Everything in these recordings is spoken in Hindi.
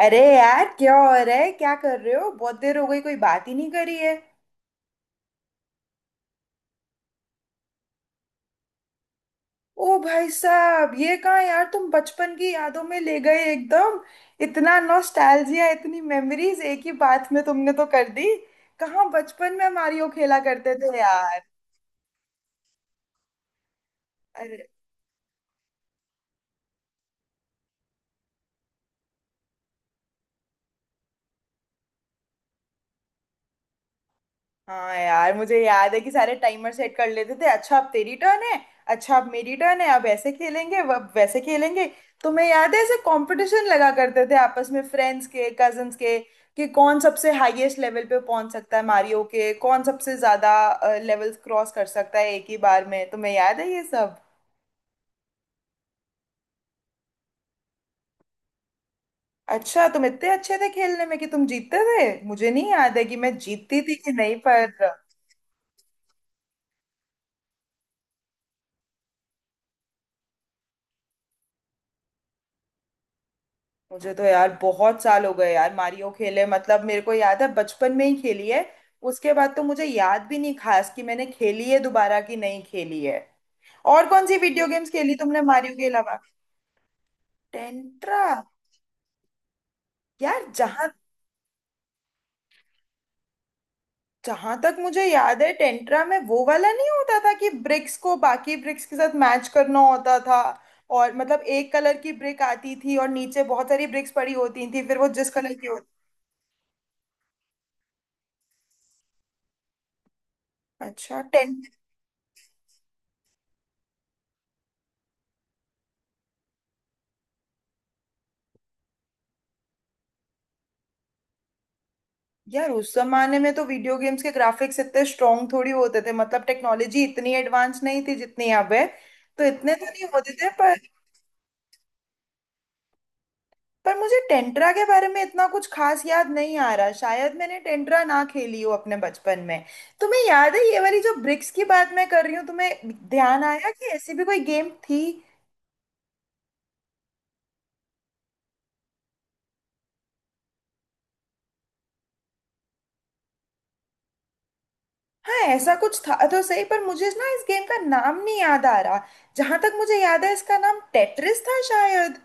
अरे यार, क्या हो रहा है? क्या कर रहे हो? बहुत देर हो गई, कोई बात ही नहीं करी है। ओ भाई साहब, ये कहाँ यार, तुम बचपन की यादों में ले गए एकदम। इतना नॉस्टैल्जिया, इतनी मेमोरीज एक ही बात में तुमने तो कर दी। कहाँ बचपन में मारियो खेला करते थे यार। हाँ यार, मुझे याद है कि सारे टाइमर सेट कर लेते थे, अच्छा अब तेरी टर्न है। अच्छा अब मेरी टर्न है, अब ऐसे खेलेंगे, अब वैसे खेलेंगे। तुम्हें याद है? ऐसे कंपटीशन लगा करते थे आपस में, फ्रेंड्स के, कजन्स के कि कौन सबसे हाईएस्ट लेवल पे पहुंच सकता है मारियो के, कौन सबसे ज्यादा लेवल्स क्रॉस कर सकता है एक ही बार में। तुम्हें याद है ये सब? अच्छा तुम इतने अच्छे थे खेलने में कि तुम जीतते थे। मुझे नहीं याद है कि मैं जीतती थी कि नहीं पर। मुझे तो यार बहुत साल हो गए यार मारियो खेले, मतलब मेरे को याद है बचपन में ही खेली है। उसके बाद तो मुझे याद भी नहीं खास कि मैंने खेली है दोबारा कि नहीं खेली है। और कौन सी वीडियो गेम्स खेली तुमने मारियो के अलावा? टेंट्रा। यार, जहां जहां तक मुझे याद है टेंट्रा में वो वाला नहीं होता था कि ब्रिक्स को बाकी ब्रिक्स के साथ मैच करना होता था? और मतलब एक कलर की ब्रिक आती थी और नीचे बहुत सारी ब्रिक्स पड़ी होती थी, फिर वो जिस कलर की होती। अच्छा। यार उस जमाने में तो वीडियो गेम्स के ग्राफिक्स इतने स्ट्रॉन्ग थोड़ी होते थे, मतलब टेक्नोलॉजी इतनी एडवांस नहीं थी जितनी अब है। तो इतने तो नहीं होते थे पर। पर मुझे टेंट्रा के बारे में इतना कुछ खास याद नहीं आ रहा, शायद मैंने टेंट्रा ना खेली हो अपने बचपन में। तुम्हें याद है ये वाली जो ब्रिक्स की बात मैं कर रही हूँ? तुम्हें ध्यान आया कि ऐसी भी कोई गेम थी? हाँ, ऐसा कुछ था तो सही, पर मुझे ना इस गेम का नाम नहीं याद आ रहा। जहां तक मुझे याद है इसका नाम टेट्रिस था शायद।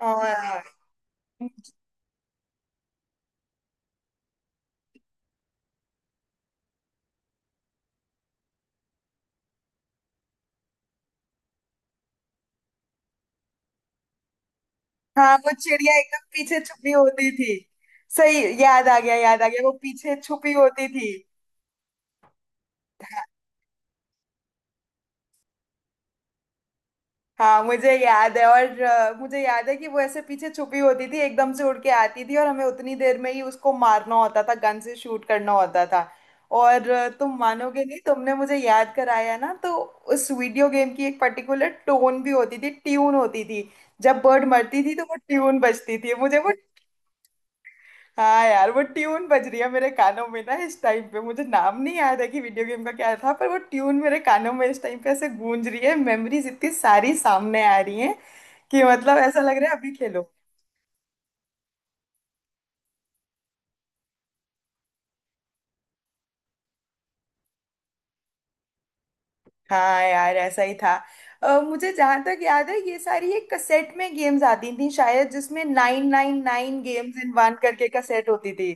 हाँ हाँ, वो चिड़िया एकदम पीछे छुपी होती थी। सही, याद आ गया, याद आ गया, वो पीछे छुपी होती थी। हाँ मुझे याद है, और मुझे याद है कि वो ऐसे पीछे छुपी होती थी, एकदम से उड़ के आती थी और हमें उतनी देर में ही उसको मारना होता था, गन से शूट करना होता था। और तुम मानोगे नहीं, तुमने मुझे याद कराया ना तो उस वीडियो गेम की एक पर्टिकुलर टोन भी होती थी, ट्यून होती थी। जब बर्ड मरती थी तो वो ट्यून बजती थी, मुझे वो। हाँ यार वो ट्यून बज रही है मेरे कानों में ना, इस टाइम पे मुझे नाम नहीं याद है कि वीडियो गेम का क्या था, पर वो ट्यून मेरे कानों में इस टाइम पे ऐसे गूंज रही है, मेमोरीज इतनी सारी सामने आ रही हैं कि मतलब ऐसा लग रहा है अभी खेलो। हाँ यार ऐसा ही था। मुझे जहाँ तक याद है ये सारी एक कसेट में गेम्स आती थी शायद, जिसमें 999 गेम्स इन वन करके कसेट होती थी।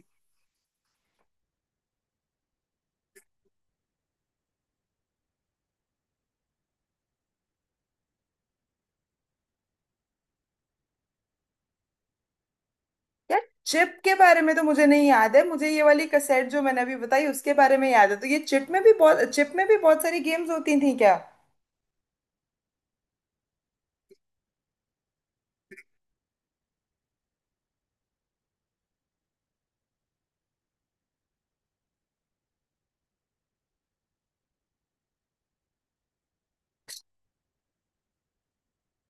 यार चिप के बारे में तो मुझे नहीं याद है, मुझे ये वाली कसेट जो मैंने अभी बताई उसके बारे में याद है। तो ये चिप में भी बहुत सारी गेम्स होती थी क्या?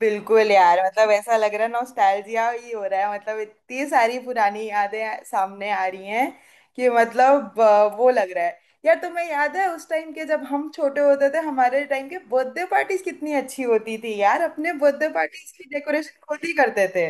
बिल्कुल यार, मतलब ऐसा लग रहा है नॉस्टैल्जिया ही हो रहा है, मतलब इतनी सारी पुरानी यादें सामने आ रही हैं कि मतलब वो लग रहा है। यार तुम्हें याद है उस टाइम के जब हम छोटे होते थे, हमारे टाइम के बर्थडे पार्टीज कितनी अच्छी होती थी यार, अपने बर्थडे पार्टीज की डेकोरेशन खुद ही करते थे।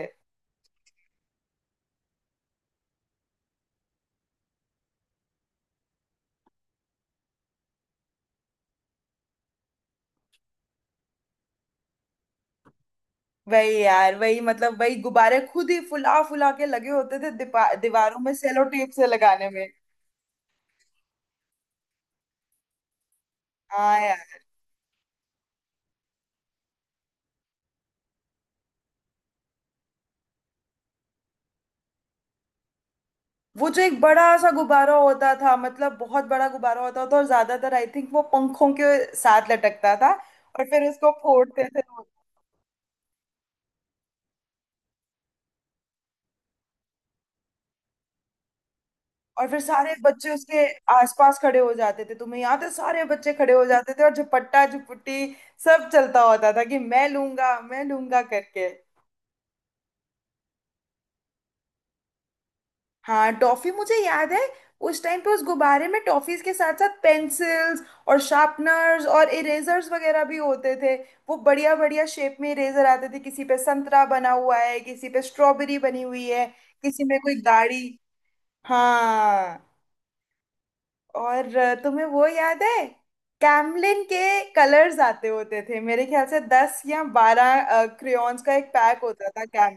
वही यार वही, मतलब वही गुब्बारे खुद ही फुला फुला के लगे होते थे, दीवारों में सेलो टेप से लगाने में। हाँ यार। वो जो एक बड़ा सा गुब्बारा होता था, मतलब बहुत बड़ा गुब्बारा होता था, और ज्यादातर आई थिंक वो पंखों के साथ लटकता था। और फिर उसको फोड़ते थे लोग। और फिर सारे बच्चे उसके आसपास खड़े हो जाते थे, तुम्हें याद है? सारे बच्चे खड़े हो जाते थे और झपट्टा झुपट्टी सब चलता होता था कि मैं लूंगा करके। हाँ टॉफी मुझे याद है। उस टाइम पे उस गुब्बारे में टॉफीज के साथ साथ पेंसिल्स और शार्पनर्स और इरेजर्स वगैरह भी होते थे। वो बढ़िया बढ़िया शेप में इरेजर आते थे, किसी पे संतरा बना हुआ है, किसी पे स्ट्रॉबेरी बनी हुई है, किसी में कोई गाड़ी। हाँ। और तुम्हें वो याद है कैमलिन के कलर्स आते होते थे? मेरे ख्याल से 10 या 12 क्रेयॉन्स का एक पैक होता था। कैम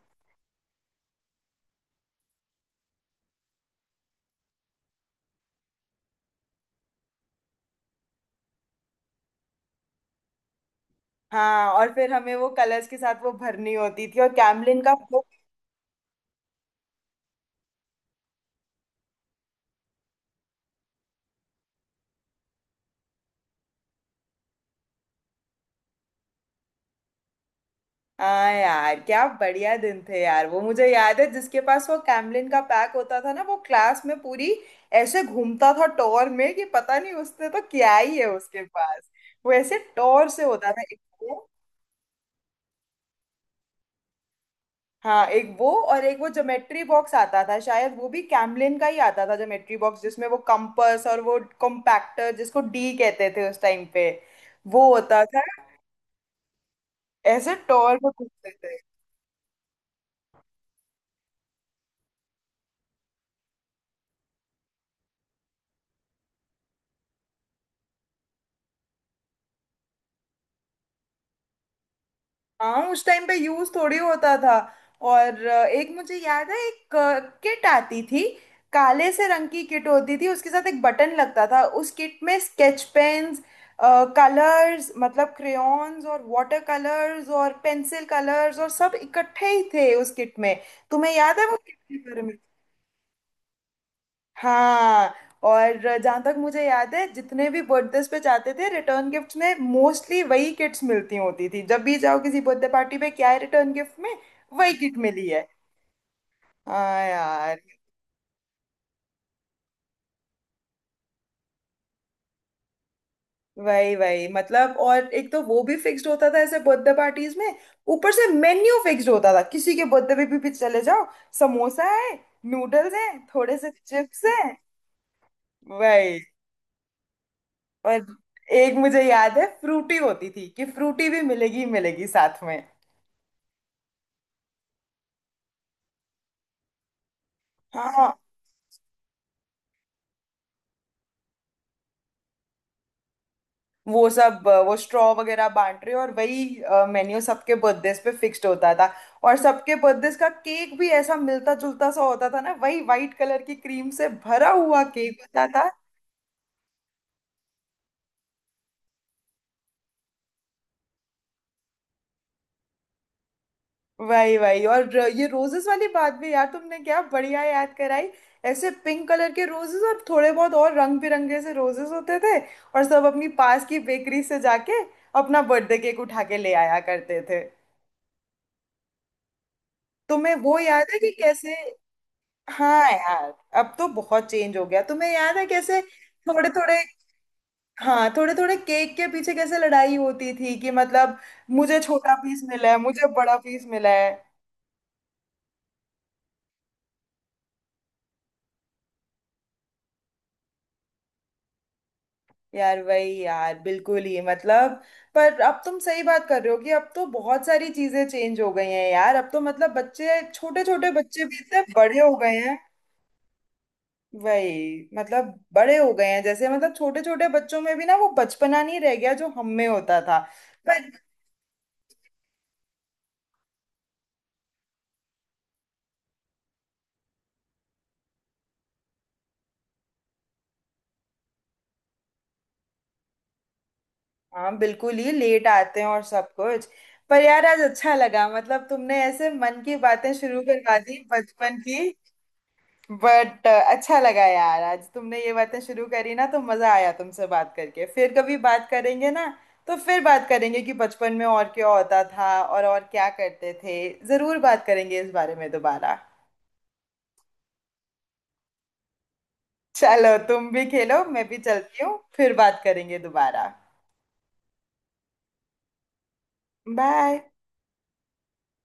हाँ और फिर हमें वो कलर्स के साथ वो भरनी होती थी और कैमलिन का वो। हाँ यार, क्या बढ़िया दिन थे यार, वो मुझे याद है जिसके पास वो कैमलिन का पैक होता था ना वो क्लास में पूरी ऐसे घूमता था टॉर में कि पता नहीं उसने तो क्या ही है उसके पास। वो ऐसे टॉर से होता था एक वो। हाँ एक वो और एक वो ज्योमेट्री बॉक्स आता था शायद, वो भी कैमलिन का ही आता था, ज्योमेट्री बॉक्स जिसमें वो कंपास और वो कॉम्पैक्टर जिसको डी कहते थे उस टाइम पे। वो होता था, ऐसे टॉर में घूमते थे। हाँ उस टाइम पे यूज थोड़ी होता था। और एक मुझे याद है एक किट आती थी, काले से रंग की किट होती थी, उसके साथ एक बटन लगता था, उस किट में स्केच पेन्स, कलर्स मतलब क्रेयॉन्स और वाटर कलर्स और पेंसिल कलर्स और सब इकट्ठे ही थे उस किट में। तुम्हें याद है वो किट के बारे में? हाँ और जहाँ तक मुझे याद है जितने भी बर्थडेज पे जाते थे रिटर्न गिफ्ट में मोस्टली वही किट्स मिलती होती थी, जब भी जाओ किसी बर्थडे पार्टी पे क्या है रिटर्न गिफ्ट में, वही किट मिली है। हाँ यार वही वही, मतलब और एक तो वो भी फिक्स्ड होता था ऐसे बर्थडे पार्टीज में। ऊपर से मेन्यू फिक्स्ड होता था किसी के बर्थडे पे भी चले जाओ। समोसा है, नूडल्स हैं, थोड़े से चिप्स हैं। वही। और एक मुझे याद है फ्रूटी होती थी कि फ्रूटी भी मिलेगी मिलेगी साथ में। हाँ हाँ, वो सब वो स्ट्रॉ वगैरह बांट रहे हो, और वही मेन्यू सबके बर्थडेज पे फिक्स्ड होता था। और सबके बर्थडेज का केक भी ऐसा मिलता जुलता सा होता था ना, वही वाइट कलर की क्रीम से भरा हुआ केक होता था। वही वही, और ये रोजेस वाली बात भी यार तुमने क्या बढ़िया याद कराई। ऐसे पिंक कलर के रोजेस और थोड़े बहुत और रंग बिरंगे से रोजेस होते थे। और सब अपनी पास की बेकरी से जाके अपना बर्थडे केक उठा के ले आया करते थे। तुम्हें वो याद है कि कैसे? हाँ यार, अब तो बहुत चेंज हो गया, तुम्हें याद है कैसे? थोड़े थोड़े, हाँ थोड़े थोड़े केक के पीछे कैसे लड़ाई होती थी कि मतलब मुझे छोटा पीस मिला है, मुझे बड़ा पीस मिला है। यार वही यार, बिल्कुल ही मतलब। पर अब तुम सही बात कर रहे हो कि अब तो बहुत सारी चीजें चेंज हो गई हैं यार, अब तो मतलब बच्चे, छोटे छोटे बच्चे भी इतने बड़े हो गए हैं। वही मतलब बड़े हो गए हैं, जैसे मतलब छोटे छोटे बच्चों में भी ना वो बचपना नहीं रह गया जो हम में होता था। पर। हाँ बिल्कुल, ये लेट आते हैं और सब कुछ। पर यार आज अच्छा लगा, मतलब तुमने ऐसे मन की बातें शुरू करवा दी बचपन की। बट अच्छा लगा यार, आज तुमने ये बातें शुरू करी ना तो मजा आया तुमसे बात करके, फिर कभी बात करेंगे ना? तो फिर बात करेंगे कि बचपन में और क्या होता था और क्या करते थे। जरूर बात करेंगे इस बारे में दोबारा। चलो तुम भी खेलो, मैं भी चलती हूँ, फिर बात करेंगे दोबारा। बाय।